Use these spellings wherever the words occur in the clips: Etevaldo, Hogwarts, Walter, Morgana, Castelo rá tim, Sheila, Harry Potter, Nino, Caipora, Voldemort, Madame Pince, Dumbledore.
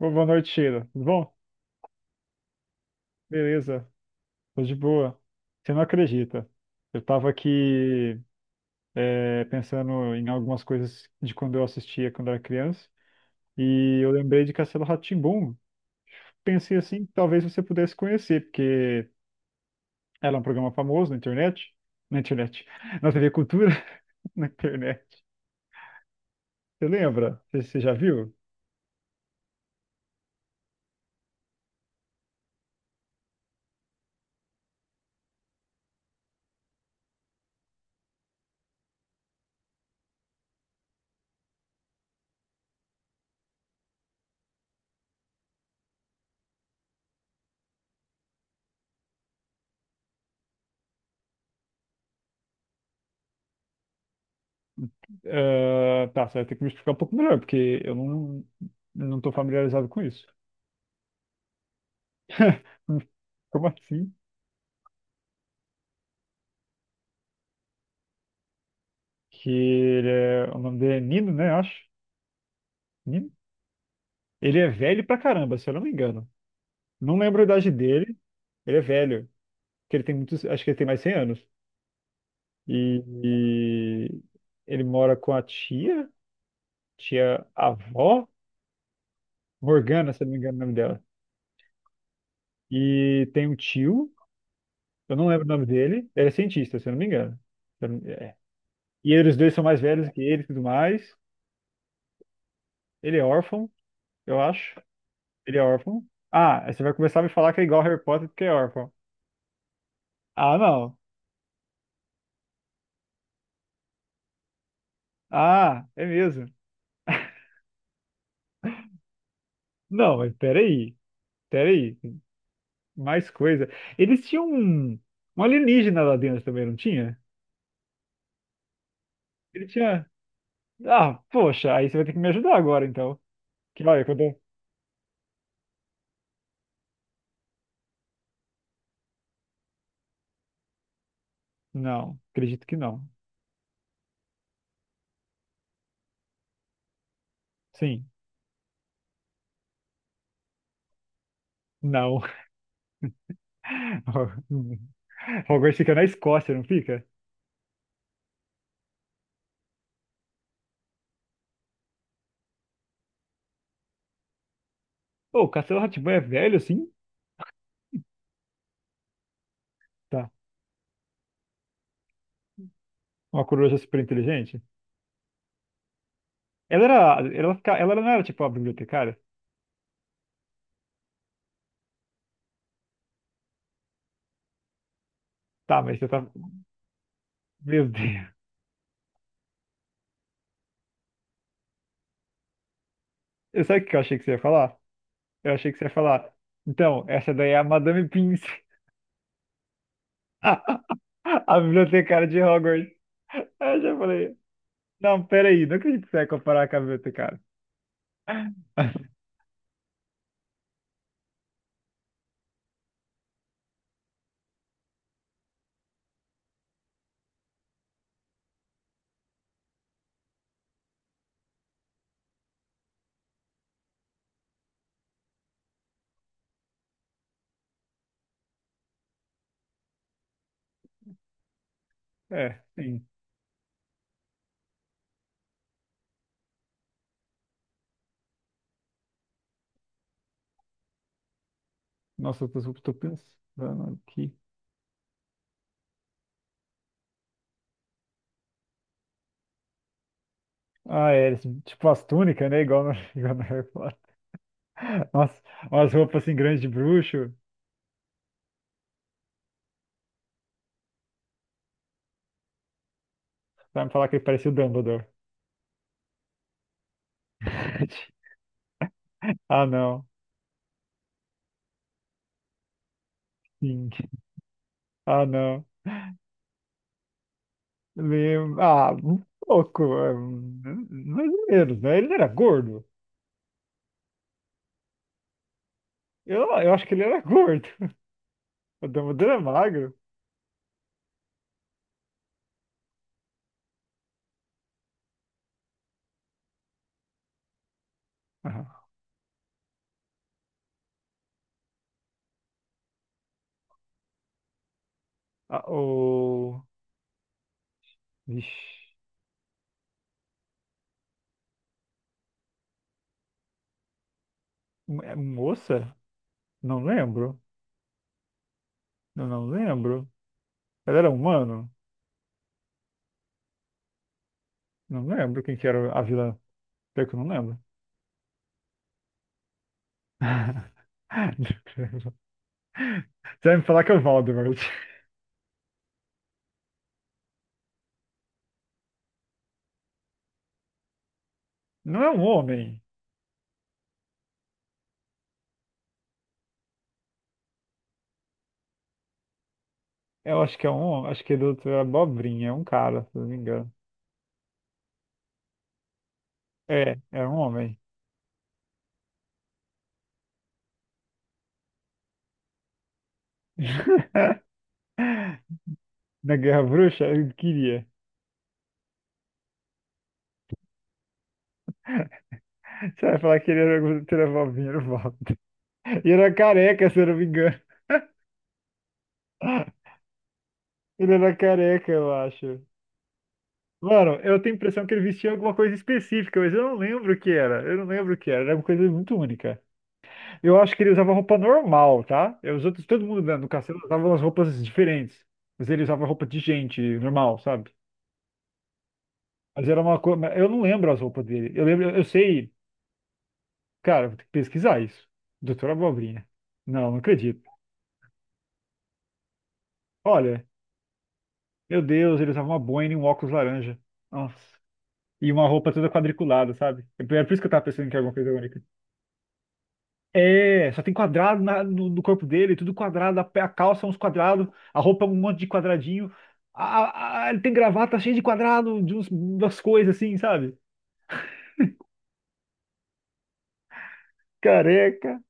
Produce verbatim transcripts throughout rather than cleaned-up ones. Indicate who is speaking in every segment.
Speaker 1: Bo- Boa noite, Sheila. Tudo bom? Beleza, tô de boa. Você não acredita. Eu tava aqui é, pensando em algumas coisas de quando eu assistia quando era criança e eu lembrei de Castelo rá tim. Pensei assim, talvez você pudesse conhecer, porque era um programa famoso na internet. Na internet. Na T V Cultura, na internet. Você lembra? Você, você já viu? Ah, tá, você vai ter que me explicar um pouco melhor, porque eu não, não tô familiarizado com isso. Como assim? Que ele é, o nome dele é Nino, né? Eu acho. Nino. Ele é velho pra caramba, se eu não me engano. Não lembro a idade dele. Ele é velho, que ele tem muitos, acho que ele tem mais cem anos. E, e ele mora com a tia, tia avó, Morgana, se eu não me engano o nome dela. E tem um tio, eu não lembro o nome dele, ele é cientista, se eu não me engano. Se eu não- É. E eles dois são mais velhos que ele e tudo mais. Ele é órfão, eu acho. Ele é órfão. Ah, aí você vai começar a me falar que é igual Harry Potter porque é órfão. Ah, não. Ah, é mesmo. Não, mas peraí. Peraí. Mais coisa. Eles tinham um, um alienígena lá dentro também, não tinha? Ele tinha. Ah, poxa, aí você vai ter que me ajudar agora, então. Que olha, quando eu- Não, acredito que não. Sim. Não. Hogwarts fica na Escócia, não fica? Pô, o Castelo rá é velho assim? Tá. Uma coruja super inteligente? Ela era. Ela, fica- ela não era tipo a bibliotecária? Tá, mas você tá. Meu Deus. Eu- Sabe o que eu achei que você ia falar? Eu achei que você ia falar. Então, essa daí é a Madame Pince, a bibliotecária de Hogwarts. Aí eu já falei, não, peraí, não acredito que você vai comparar com a bibliotecária. É, sim. Nossa, eu tô, tô pensando aqui. Ah, é, esse- tipo as túnicas, né? Igual no, igual no Harry Potter. Nossa, umas roupas assim grandes de bruxo. Vai me falar que ele parecia o Dumbledore. Ah, não. Sim. Ah, não. Meio, ah, um pouco, é, mais ou menos, né? Ele era gordo. Eu, eu acho que ele era gordo. O Dumbledore é magro. Ah, ah, o... Ixi, mo- é um moça? Não lembro. Eu não lembro. Ela era humano? Não lembro quem que era a vilã. Pior que eu não lembro. Você vai me falar que é o Voldemort. Não é um homem. Eu acho que é um homem. Acho que ele é do outro, é abobrinha. É um cara, se eu não me engano. É, é um homem. Na Guerra Bruxa? Eu queria. Você vai falar que ele era teravaldinho, era o Walter. E era careca, se eu não me engano. Ele era careca, eu acho. Mano, eu tenho a impressão que ele vestia alguma coisa específica, mas eu não lembro o que era. Eu não lembro o que era. Era uma coisa muito única. Eu acho que ele usava roupa normal, tá? E os outros, todo mundo né, no castelo usava umas roupas diferentes. Mas ele usava roupa de gente normal, sabe? Mas era uma coisa. Eu não lembro as roupas dele. Eu lembro, eu sei. Cara, vou ter que pesquisar isso. Doutora Abobrinha. Não, não acredito. Olha, meu Deus, ele usava uma boina e um óculos laranja. Nossa. E uma roupa toda quadriculada, sabe? Era por isso que eu tava pensando que era alguma coisa única. É, só tem quadrado na- no, no corpo dele, tudo quadrado, a, pe- a calça é uns quadrados, a roupa é um monte de quadradinho. A, a- a- ele tem gravata cheia de quadrado, de uns, umas coisas assim, sabe? Careca,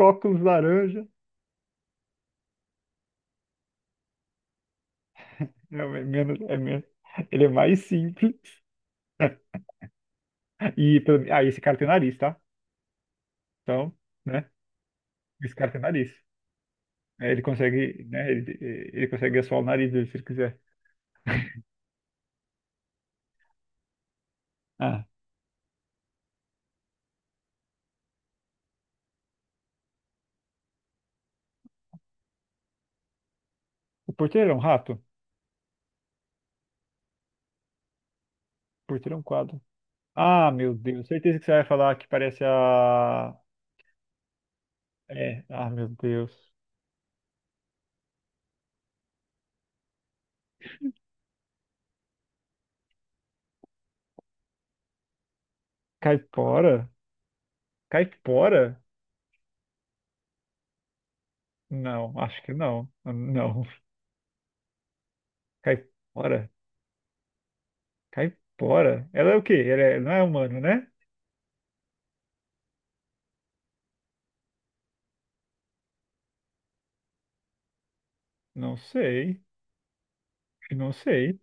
Speaker 1: óculos laranja. Não, é menos, é menos. Ele é mais simples. E pelo- ah, esse cara tem nariz, tá? Então, né? Esse cara tem nariz. É, ele consegue, né? Ele, ele consegue assoar o nariz dele se ele quiser. Ah, o porteiro é um rato? O porteiro é um quadro. Ah, meu Deus, certeza que você vai falar que parece a. É, ah, meu Deus. Caipora? Caipora? Não, acho que não. Não. Caipora? Caipora? Ela é o quê? Ela é- não é humano, né? Não sei. Não sei.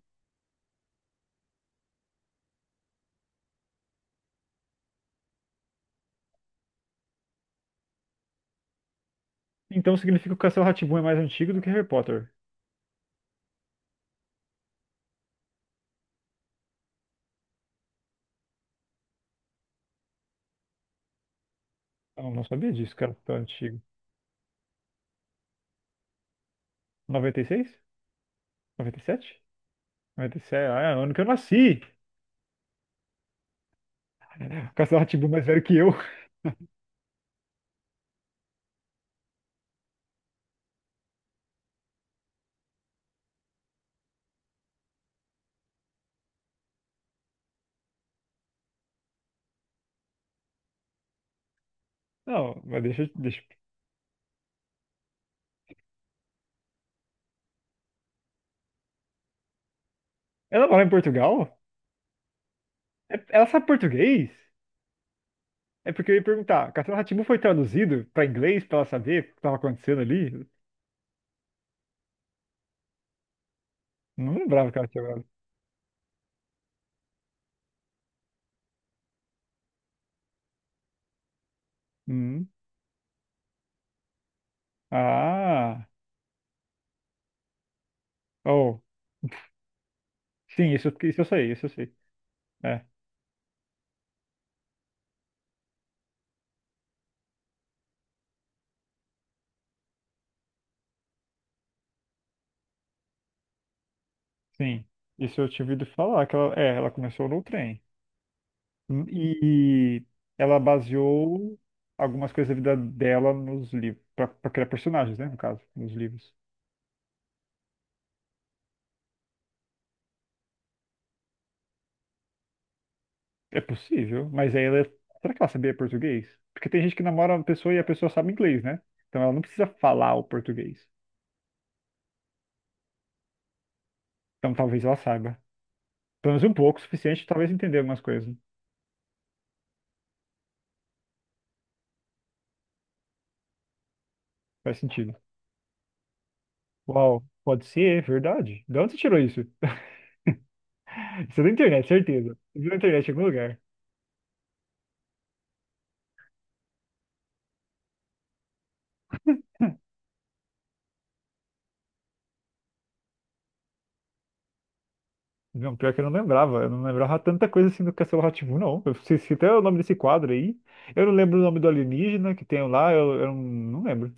Speaker 1: Então significa que o Castelo rá tim é mais antigo do que Harry Potter. Eu não sabia disso, cara, tão antigo. noventa e seis? noventa e sete? Mas isso é, é ano que eu nasci. Castelo rá tim mais velho que eu. Não, mas deixa, eu- deixa. eu- Ela mora em Portugal? É- Ela sabe português? É porque eu ia perguntar. Castelo rá foi traduzido para inglês para ela saber o que estava acontecendo ali? Não lembrava que ela tinha olhado. Hum. Ah, oh, sim, isso, isso eu sei, isso eu sei. É, sim. Isso eu tinha ouvido falar que ela, é, ela começou no trem. E ela baseou algumas coisas da vida dela nos livros, para criar personagens, né, no caso, nos livros. É possível, mas aí ela, será que ela sabia português? Porque tem gente que namora uma pessoa e a pessoa sabe inglês, né? Então ela não precisa falar o português. Então talvez ela saiba. Pelo menos um pouco, o suficiente, talvez entender algumas coisas. Faz sentido. Uau, pode ser, é verdade. De onde você tirou isso? Isso é da internet, certeza. Isso é da internet em algum lugar. Não, pior que eu não lembrava. Eu não lembrava tanta coisa assim do Castelo rá tim não. Eu sei se até o nome desse quadro aí. Eu não lembro o nome do alienígena que tem lá. Eu, eu não lembro.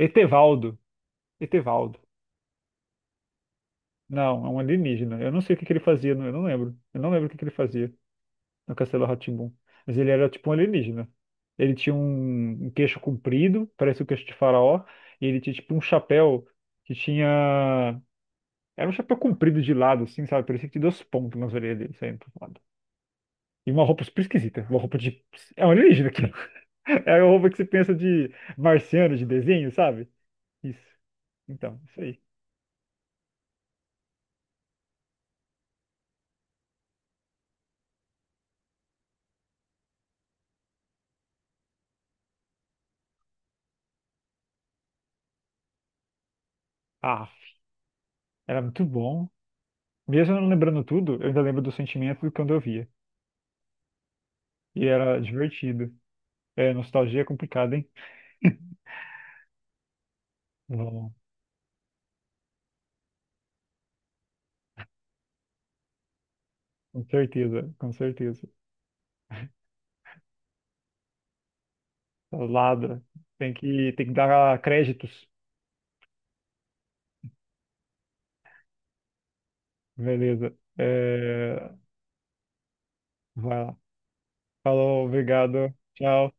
Speaker 1: Etevaldo. Etevaldo. Não, é um alienígena. Eu não sei o que que ele fazia. não- Eu não lembro. Eu não lembro o que que ele fazia no Castelo rá tim. Mas ele era tipo um alienígena. Ele tinha um, um queixo comprido, parece o queixo de faraó. E ele tinha tipo um chapéu que tinha... Era um chapéu comprido de lado, assim, sabe? Parecia que tinha duas pontas nas orelhas dele, sempre. E uma roupa super esquisita. Uma roupa de. É um alienígena aquilo. É uma roupa que você pensa de marciano, de desenho, sabe? Isso. Então, isso aí. Ah, era muito bom. Mesmo eu não lembrando tudo, eu ainda lembro do sentimento do quando eu via. E era divertido. É, nostalgia é complicada, hein? Não, com certeza, com certeza. Ladra. Tem que, tem que dar créditos. Beleza. É, vai lá. Falou, obrigado. Tchau.